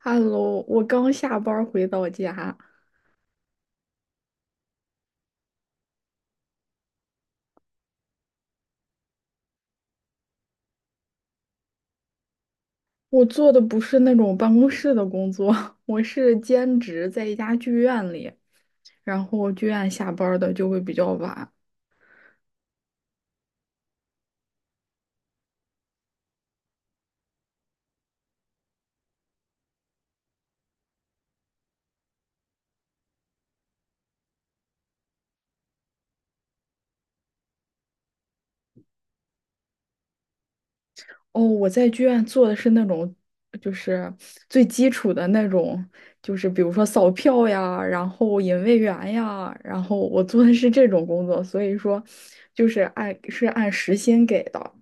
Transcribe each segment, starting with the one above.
Hello，我刚下班儿回到家。我做的不是那种办公室的工作，我是兼职在一家剧院里，然后剧院下班儿的就会比较晚。哦，我在剧院做的是那种，就是最基础的那种，就是比如说扫票呀，然后引位员呀，然后我做的是这种工作，所以说就是按时薪给的。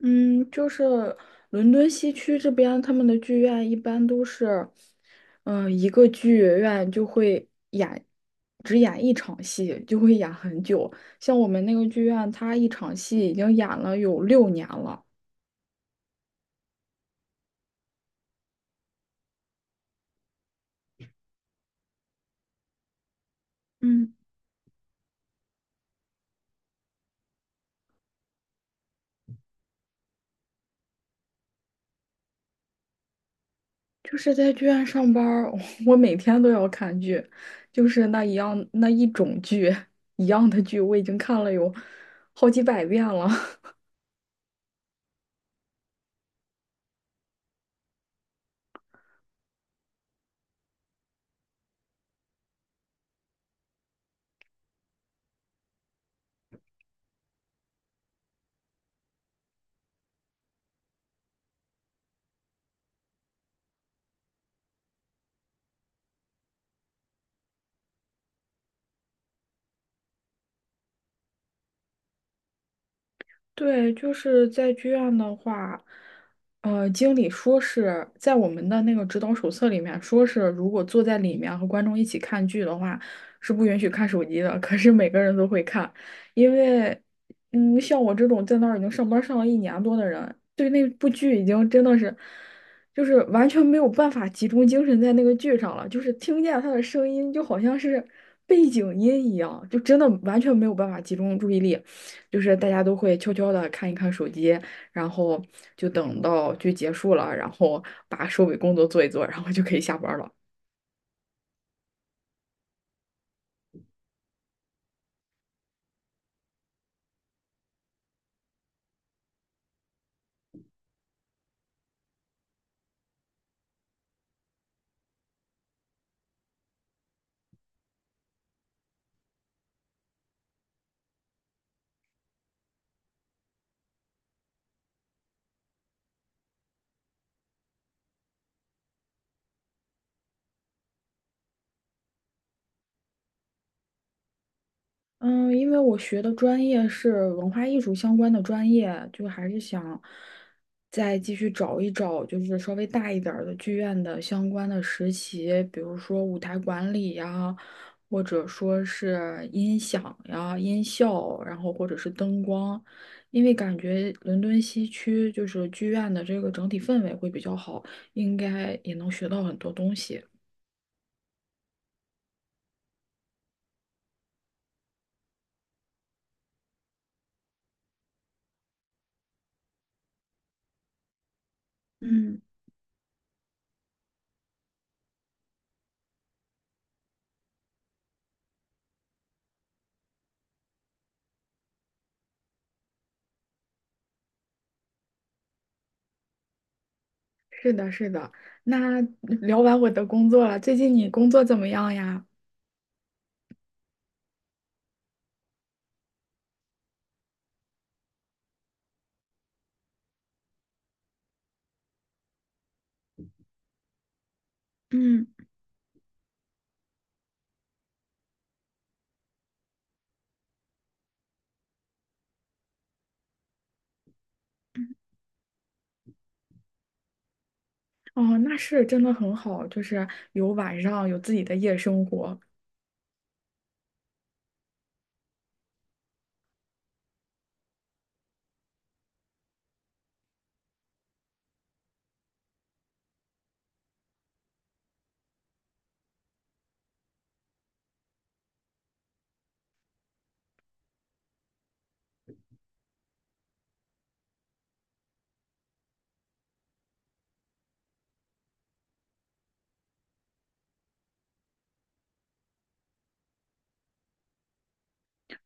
嗯，就是伦敦西区这边，他们的剧院一般都是，一个剧院就会演，只演一场戏，就会演很久。像我们那个剧院，它一场戏已经演了有6年了。嗯，就是在剧院上班儿 我每天都要看剧，就是那一样那一种剧，一样的剧，我已经看了有好几百遍了。对，就是在剧院的话，经理说是在我们的那个指导手册里面说是，如果坐在里面和观众一起看剧的话，是不允许看手机的。可是每个人都会看，因为，嗯，像我这种在那儿已经上班上了1年多的人，对那部剧已经真的是，就是完全没有办法集中精神在那个剧上了，就是听见他的声音就好像是背景音一样，就真的完全没有办法集中注意力。就是大家都会悄悄的看一看手机，然后就等到剧结束了，然后把收尾工作做一做，然后就可以下班了。嗯，因为我学的专业是文化艺术相关的专业，就还是想再继续找一找，就是稍微大一点儿的剧院的相关的实习，比如说舞台管理呀，或者说是音响呀、音效，然后或者是灯光，因为感觉伦敦西区就是剧院的这个整体氛围会比较好，应该也能学到很多东西。嗯。是的，是的。那聊完我的工作了，最近你工作怎么样呀？嗯。哦，那是真的很好，就是有晚上有自己的夜生活。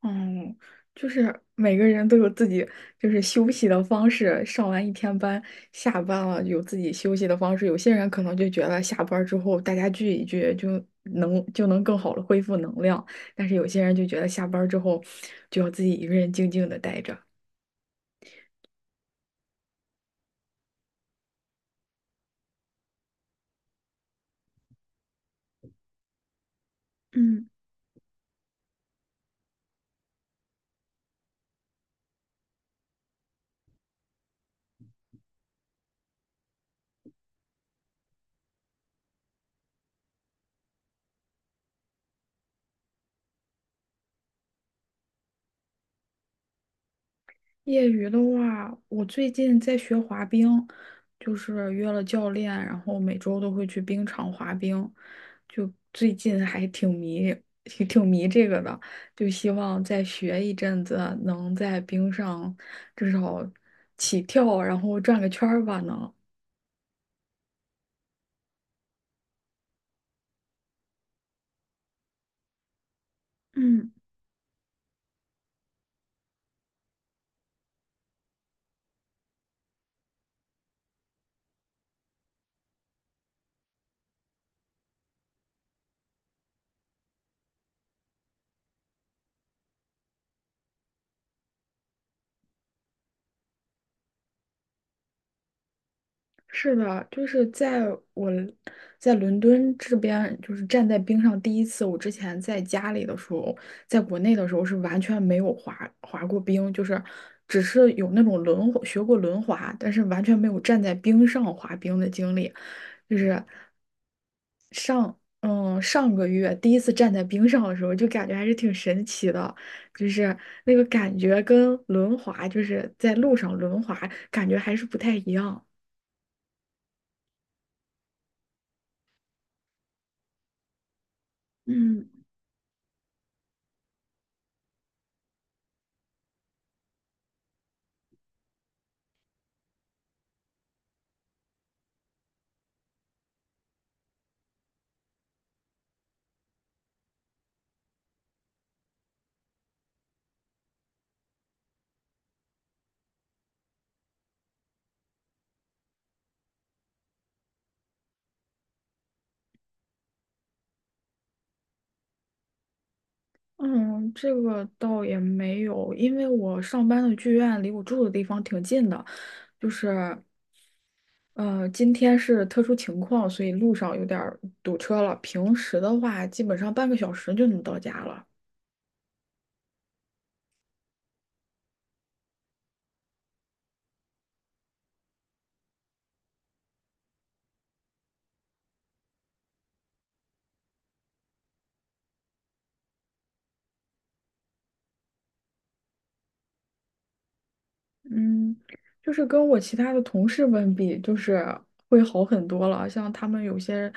嗯，就是每个人都有自己就是休息的方式，上完一天班，下班了有自己休息的方式。有些人可能就觉得下班之后大家聚一聚就能更好的恢复能量，但是有些人就觉得下班之后就要自己一个人静静的待着。嗯。业余的话，我最近在学滑冰，就是约了教练，然后每周都会去冰场滑冰，就最近还挺迷这个的，就希望再学一阵子，能在冰上至少起跳，然后转个圈儿吧，能。嗯。是的，就是我在伦敦这边，就是站在冰上第一次。我之前在家里的时候，在国内的时候是完全没有滑过冰，就是只是有那种轮滑学过轮滑，但是完全没有站在冰上滑冰的经历。就是上个月第一次站在冰上的时候，就感觉还是挺神奇的，就是那个感觉跟轮滑，就是在路上轮滑，感觉还是不太一样。嗯。嗯，这个倒也没有，因为我上班的剧院离我住的地方挺近的，就是今天是特殊情况，所以路上有点儿堵车了。平时的话，基本上半个小时就能到家了。嗯，就是跟我其他的同事们比，就是会好很多了。像他们有些，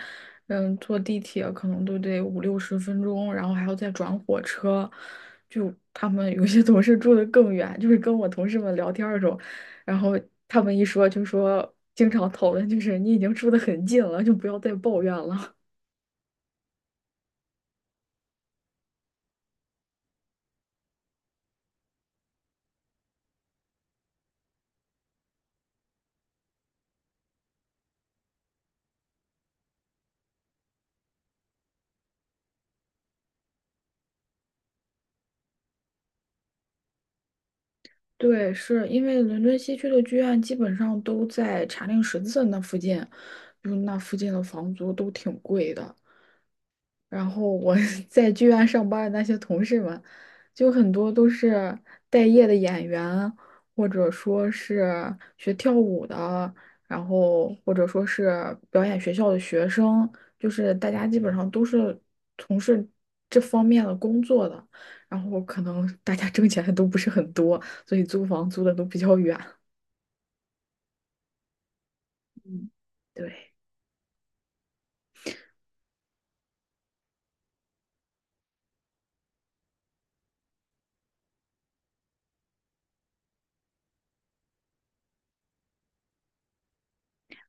嗯，坐地铁可能都得5、60分钟，然后还要再转火车。就他们有些同事住的更远，就是跟我同事们聊天儿的时候，然后他们一说就说，经常讨论就是你已经住的很近了，就不要再抱怨了。对，是因为伦敦西区的剧院基本上都在查令十字那附近，就那附近的房租都挺贵的。然后我 在剧院上班的那些同事们，就很多都是待业的演员，或者说是学跳舞的，然后或者说是表演学校的学生，就是大家基本上都是从事这方面的工作的，然后可能大家挣钱都不是很多，所以租房租的都比较远。嗯，对，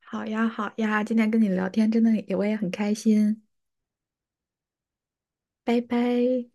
好呀，好呀，今天跟你聊天真的我也很开心，拜拜。